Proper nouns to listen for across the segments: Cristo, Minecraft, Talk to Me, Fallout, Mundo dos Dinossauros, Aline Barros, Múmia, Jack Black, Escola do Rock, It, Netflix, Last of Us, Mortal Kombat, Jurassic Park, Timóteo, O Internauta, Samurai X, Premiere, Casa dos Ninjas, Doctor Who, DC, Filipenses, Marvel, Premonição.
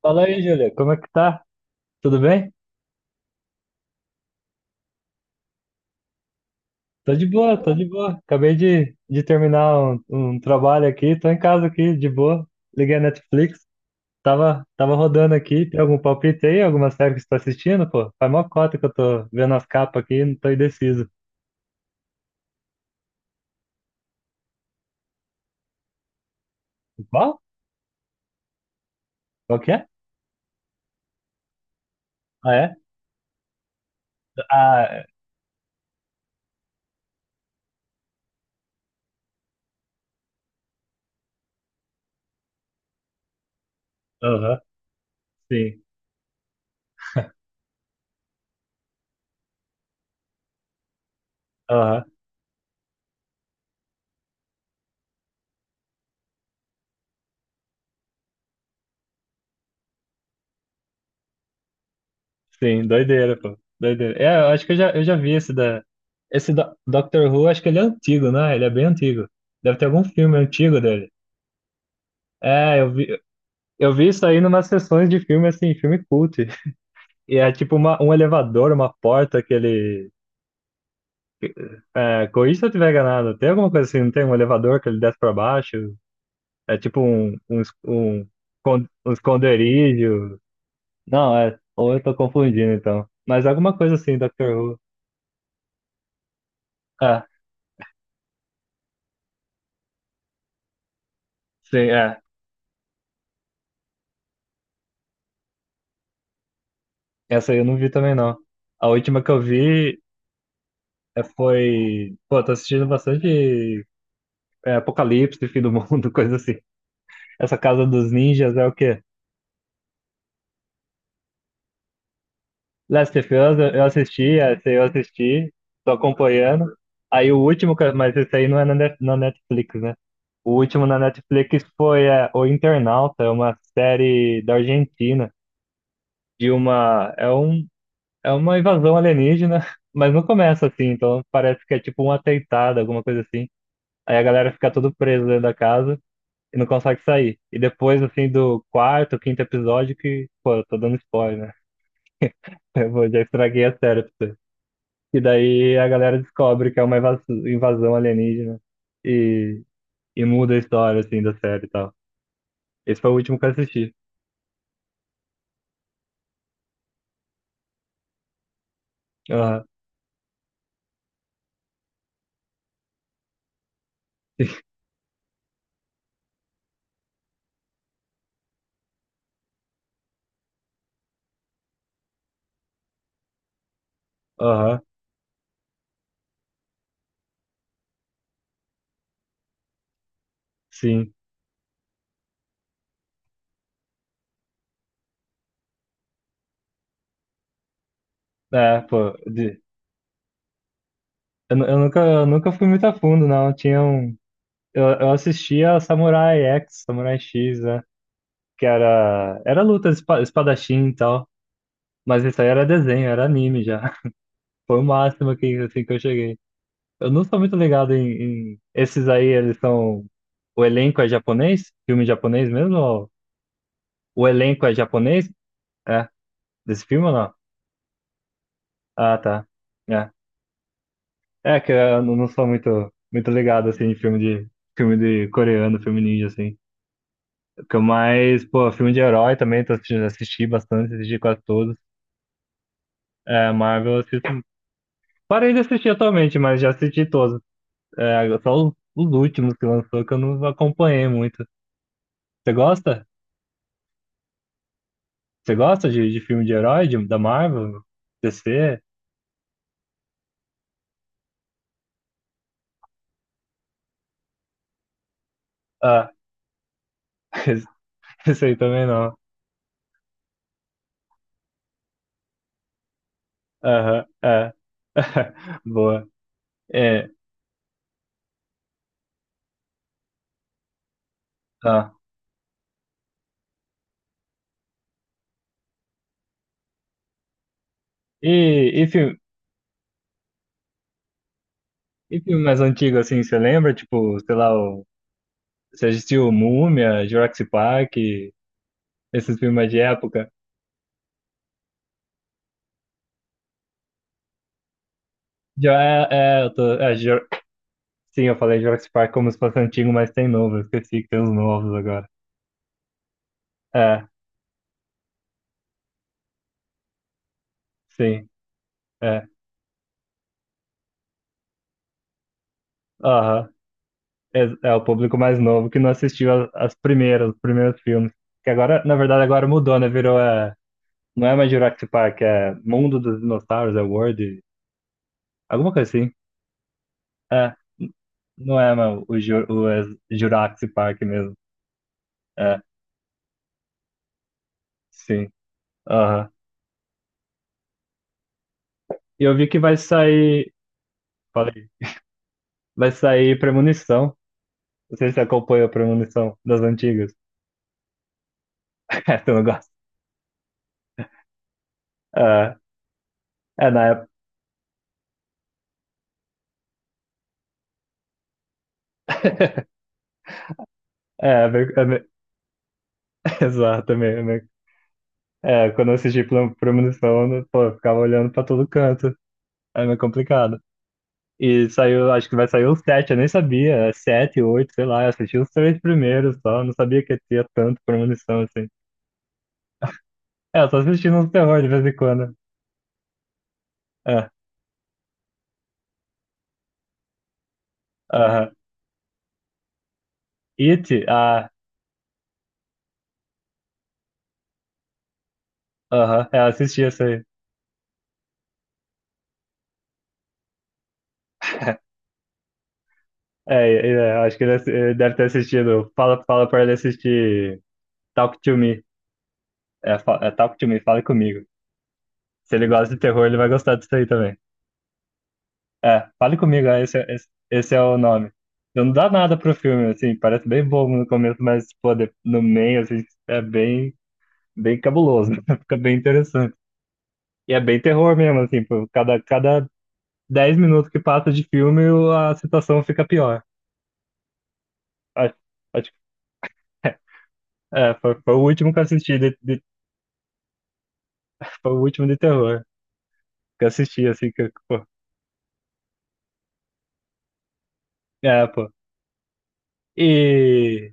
Fala aí, Júlia, como é que tá? Tudo bem? Tô de boa, tô de boa. Acabei de terminar um trabalho aqui, tô em casa aqui, de boa. Liguei a Netflix, tava rodando aqui. Tem algum palpite aí? Alguma série que você tá assistindo, pô? Faz mó cota que eu tô vendo as capas aqui, e não tô indeciso. Qual? Qual que é? Ah, é? Ah, é. Aham, sim. Aham, sim, doideira, pô. Doideira. É, eu acho que eu já vi esse da... Esse do Doctor Who, acho que ele é antigo, né? Ele é bem antigo. Deve ter algum filme antigo dele. É, eu vi isso aí numas sessões de filme, assim, filme cult. E é tipo um elevador, uma porta que ele. É, corrija se eu tiver enganado. Tem alguma coisa assim, não tem um elevador que ele desce pra baixo? É tipo um, um esconderijo. Não, é. Ou eu tô confundindo então. Mas alguma coisa assim, Doctor Who. Ah, sim, é. Essa aí eu não vi também não. A última que eu vi é, foi. Pô, tô assistindo bastante é, Apocalipse, Fim do Mundo, coisa assim. Essa Casa dos Ninjas é o quê? Last of Us, eu assisti, essa eu assisti, tô acompanhando. Aí o último, mas esse aí não é na na Netflix, né? O último na Netflix foi é, O Internauta, é uma série da Argentina, de uma, é um, é uma invasão alienígena, mas não começa assim, então parece que é tipo um atentado, alguma coisa assim. Aí a galera fica todo presa dentro da casa e não consegue sair. E depois, assim, do quarto, quinto episódio, que, pô, eu tô dando spoiler, né? Já estraguei a série pra você. E daí a galera descobre que é uma invasão alienígena e, e muda a história, assim, da série e tal. Esse foi o último que eu assisti. Aham, aham, sim. É, pô, eu nunca fui muito a fundo, não. Tinha um, eu assistia Samurai X, Samurai X, né? Que era, era luta de espadachim e tal. Mas isso aí era desenho, era anime já. Foi o máximo que, assim, que eu cheguei. Eu não sou muito ligado em, esses aí, eles são. O elenco é japonês? Filme japonês mesmo? Ou... O elenco é japonês? É, desse filme ou não? Ah, tá. É, é que eu não sou muito ligado, assim, em filme de. Filme de coreano, filme ninja, assim. Que eu mais, pô, filme de herói também, tô assistindo, assisti bastante, assisti quase todos. É, Marvel, eu assisto. Parei de assistir atualmente, mas já assisti todos. É, só os últimos que lançou que eu não acompanhei muito. Você gosta? Você gosta de filme de herói, de, da Marvel, DC? Ah, esse aí também não. Aham, é. Boa. É, ah. E, e, filme, e filme mais antigo, assim, você lembra? Tipo, sei lá, o, você assistiu Múmia, Jurassic Park, esses filmes mais de época? Já é, é, eu tô, sim, eu falei Jurassic Park como se fosse antigo, mas tem novo, eu esqueci que tem os novos agora. É, sim, é. Aham. É, é o público mais novo que não assistiu as primeiras, os primeiros filmes. Que agora, na verdade, agora mudou, né? Virou é, não é mais Jurassic Park, é Mundo dos Dinossauros, é World, alguma coisa assim. É, n- não é mais o, é Jurassic Park mesmo. É, sim. Aham. E eu vi que vai sair, falei, vai sair Premonição. Não sei se você acompanha a Premonição das antigas. É, tu não gosta. É, é na época. É, é meio- exato, é É, quando eu assisti Premonição, eu não- pô, eu ficava olhando pra todo canto. É meio complicado. E saiu, acho que vai sair os sete, eu nem sabia. É Sete, oito, sei lá. Eu assisti os três primeiros só. Não sabia que tinha tanto Premonição assim. É, eu tô assistindo uns terror de vez em quando. É, aham. It, ah, aham. É, eu assisti essa aí. Acho que ele, ele deve ter assistido. Fala, fala pra ele assistir Talk to Me. É, é Talk to Me, fala comigo. Se ele gosta de terror, ele vai gostar disso aí também. É, fale comigo, é, esse é o nome. Então, não dá nada pro filme, assim, parece bem bobo no começo, mas, pô, no meio, assim, é bem, bem cabuloso, fica bem interessante. E é bem terror mesmo, assim, pô, cada 10 minutos que passa de filme, a situação fica pior. Acho, acho, é, foi, foi o último que eu assisti, foi o último de terror que eu assisti, assim, que, pô, é, pô. E,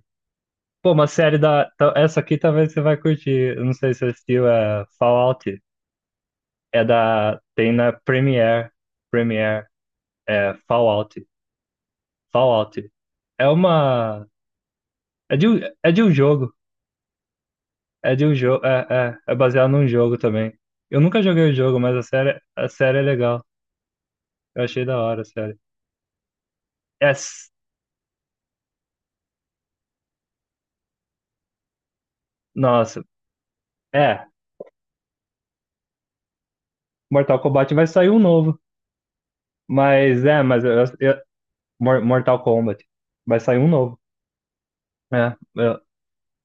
pô, uma série da, essa aqui talvez você vai curtir, eu não sei se você assistiu, é Fallout. É da. Tem na Premiere. Premiere. É Fallout. Fallout. É uma. É de, é de um jogo. É de um jogo. É baseado num jogo também. Eu nunca joguei o jogo, mas a série é legal. Eu achei da hora a série. É, s- nossa. É. Mortal Kombat vai sair um novo. Mas é, Mortal Kombat. Vai sair um novo. É. eu-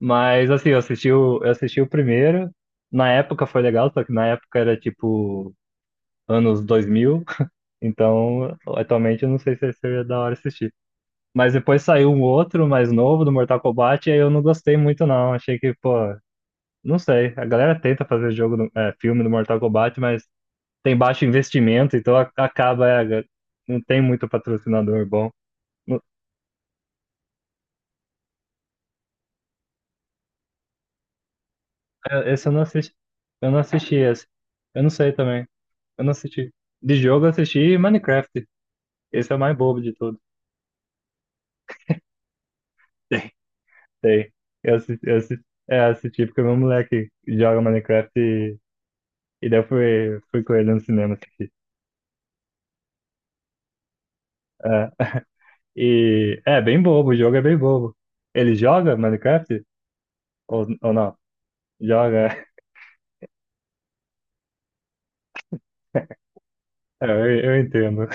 mas assim, eu assisti o primeiro. Na época foi legal, só que na época era tipo. anos 2000, então atualmente eu não sei se seria da hora assistir. Mas depois saiu um outro mais novo do Mortal Kombat, e aí eu não gostei muito não, achei que, pô, não sei, a galera tenta fazer jogo, é, filme do Mortal Kombat, mas tem baixo investimento, então acaba, é, não tem muito patrocinador bom. Não- Esse eu não assisti esse, eu não sei também, eu não assisti. De jogo eu assisti Minecraft, esse é o mais bobo de tudo. Sei. Eu assisti, é, assisti porque meu moleque joga Minecraft e daí eu fui, fui com ele no cinema assistir. É, e é bem bobo, o jogo é bem bobo. Ele joga Minecraft? Ou não? Joga. É, eu entendo.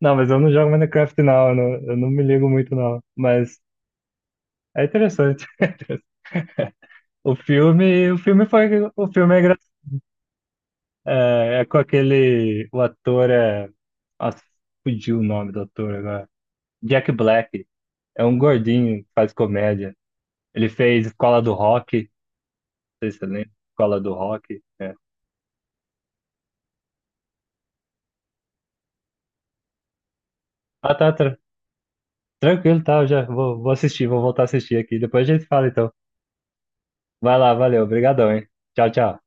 Não, mas eu não jogo Minecraft não, eu não, eu não me ligo muito não. Mas é interessante. O filme foi, o filme é engraçado. É, é com aquele, o ator é, nossa, fugiu o nome do ator agora. Jack Black. É um gordinho que faz comédia. Ele fez Escola do Rock, não sei se você lembra. Escola do Rock. É. Ah, tá, tranquilo, tá. Eu já vou, vou assistir, vou voltar a assistir aqui. Depois a gente fala, então. Vai lá, valeu, obrigadão, hein? Tchau, tchau.